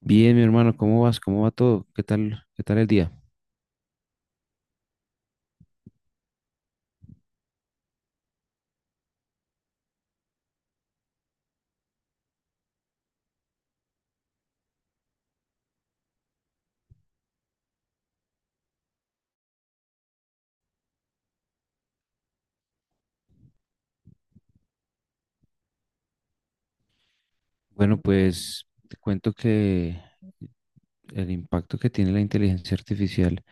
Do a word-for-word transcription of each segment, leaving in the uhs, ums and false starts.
Bien, mi hermano, ¿cómo vas? ¿Cómo va todo? ¿Qué tal? ¿Qué tal el día? Bueno, pues te cuento que el impacto que tiene la inteligencia artificial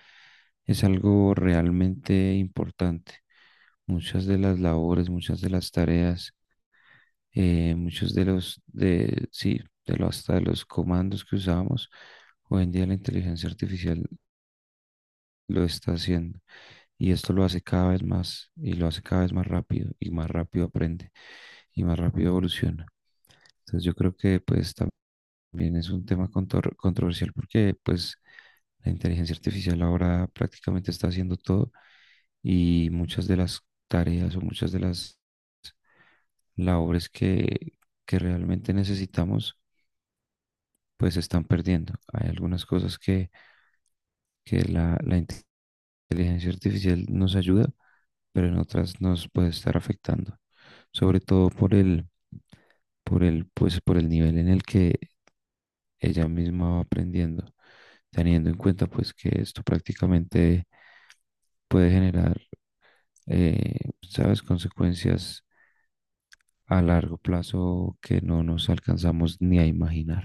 es algo realmente importante. Muchas de las labores, muchas de las tareas, eh, muchos de los, de, sí, de los, hasta de los comandos que usábamos, hoy en día la inteligencia artificial lo está haciendo. Y esto lo hace cada vez más y lo hace cada vez más rápido y más rápido aprende y más rápido evoluciona. Entonces yo creo que pues también es un tema contor- controversial porque pues la inteligencia artificial ahora prácticamente está haciendo todo y muchas de las tareas o muchas de las labores que, que realmente necesitamos pues se están perdiendo. Hay algunas cosas que que la, la inteligencia artificial nos ayuda, pero en otras nos puede estar afectando, sobre todo por el, por el, pues, por el nivel en el que ella misma va aprendiendo, teniendo en cuenta pues que esto prácticamente puede generar, eh, ¿sabes?, consecuencias a largo plazo que no nos alcanzamos ni a imaginar.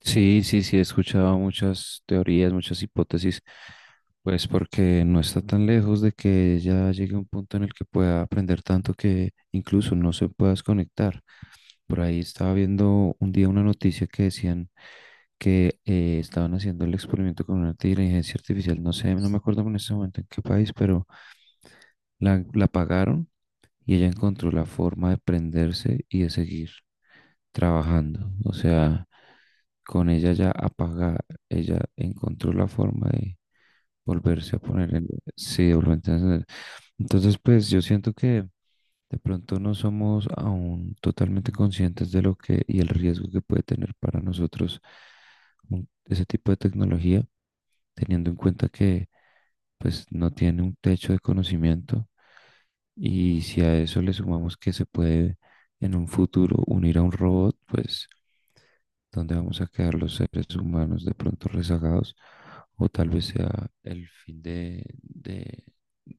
Sí, sí, sí, he escuchado muchas teorías, muchas hipótesis, pues porque no está tan lejos de que ya llegue a un punto en el que pueda aprender tanto que incluso no se pueda desconectar. Por ahí estaba viendo un día una noticia que decían que eh, estaban haciendo el experimento con una inteligencia artificial, no sé, no me acuerdo en ese momento en qué país, pero la, la pagaron y ella encontró la forma de prenderse y de seguir trabajando. O sea, con ella ya apagada, ella encontró la forma de volverse a poner en... Sí, de volverse a encender. Entonces, pues yo siento que de pronto no somos aún totalmente conscientes de lo que y el riesgo que puede tener para nosotros un- ese tipo de tecnología teniendo en cuenta que pues no tiene un techo de conocimiento y si a eso le sumamos que se puede en un futuro unir a un robot, pues dónde vamos a quedar los seres humanos de pronto rezagados o tal vez sea el fin de, de-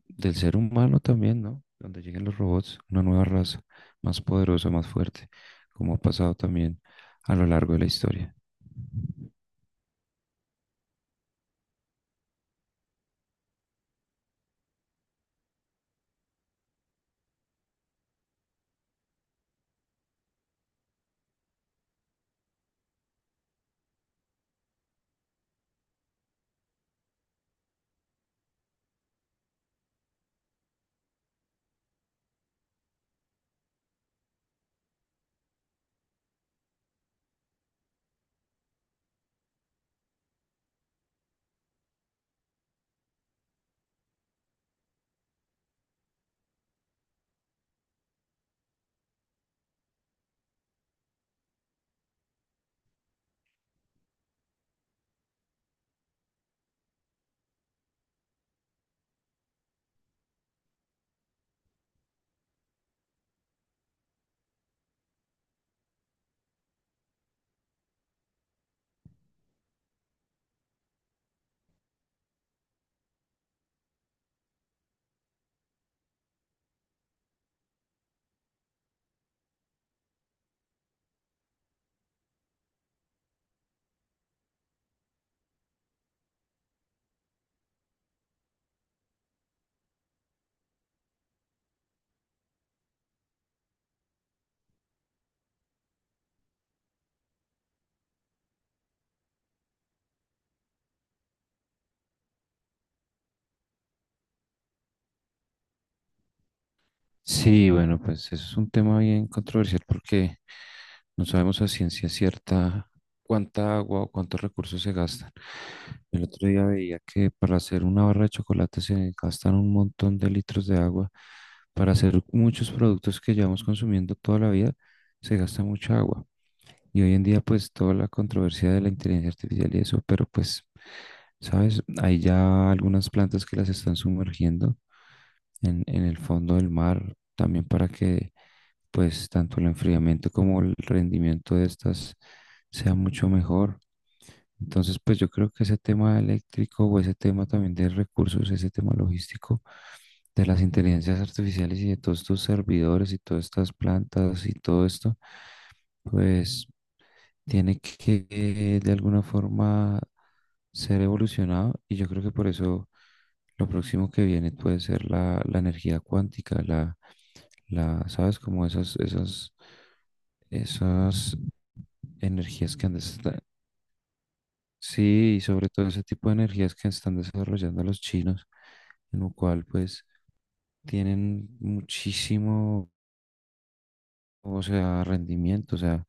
del ser humano también, ¿no? Donde lleguen los robots, una nueva raza más poderosa, más fuerte, como ha pasado también a lo largo de la historia. Sí, bueno, pues eso es un tema bien controversial porque no sabemos a ciencia cierta cuánta agua o cuántos recursos se gastan. El otro día veía que para hacer una barra de chocolate se gastan un montón de litros de agua. Para hacer muchos productos que llevamos consumiendo toda la vida se gasta mucha agua. Y hoy en día pues toda la controversia de la inteligencia artificial y eso, pero pues, ¿sabes? Hay ya algunas plantas que las están sumergiendo en, en el fondo del mar también para que pues tanto el enfriamiento como el rendimiento de estas sea mucho mejor. Entonces, pues yo creo que ese tema eléctrico o ese tema también de recursos, ese tema logístico de las inteligencias artificiales y de todos estos servidores y todas estas plantas y todo esto, pues tiene que eh, de alguna forma ser evolucionado y yo creo que por eso lo próximo que viene puede ser la, la energía cuántica, la la, ¿sabes? Como esas, esas, esas energías que han desarrollado. Sí, y sobre todo ese tipo de energías que están desarrollando los chinos, en lo cual pues tienen muchísimo, o sea, rendimiento. O sea,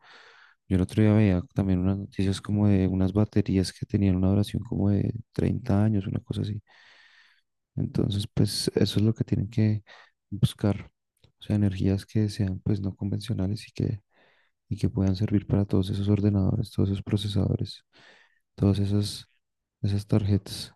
yo el otro día veía también unas noticias como de unas baterías que tenían una duración como de treinta años, una cosa así. Entonces, pues eso es lo que tienen que buscar. O sea, energías que sean pues no convencionales y que y que puedan servir para todos esos ordenadores, todos esos procesadores, todas esas, esas tarjetas.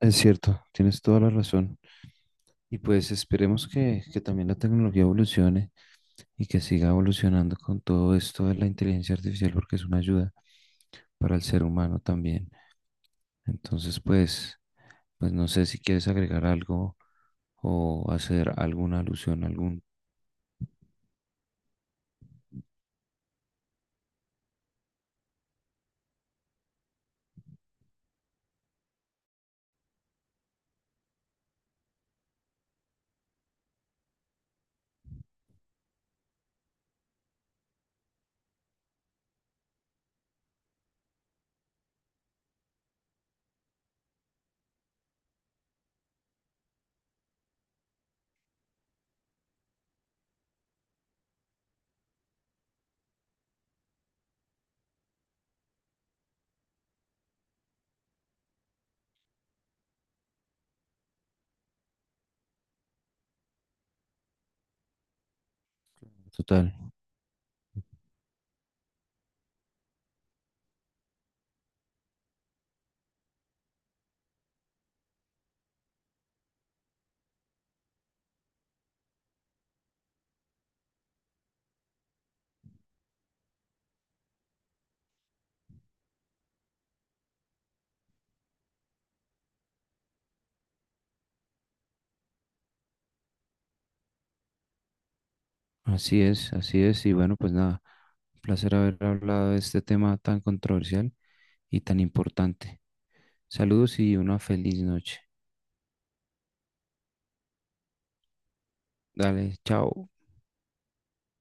Es cierto, tienes toda la razón. Y pues esperemos que, que también la tecnología evolucione y que siga evolucionando con todo esto de la inteligencia artificial porque es una ayuda para el ser humano también. Entonces, pues, pues no sé si quieres agregar algo o hacer alguna alusión, algún total. Así es, así es. Y bueno, pues nada, un placer haber hablado de este tema tan controversial y tan importante. Saludos y una feliz noche. Dale, chao.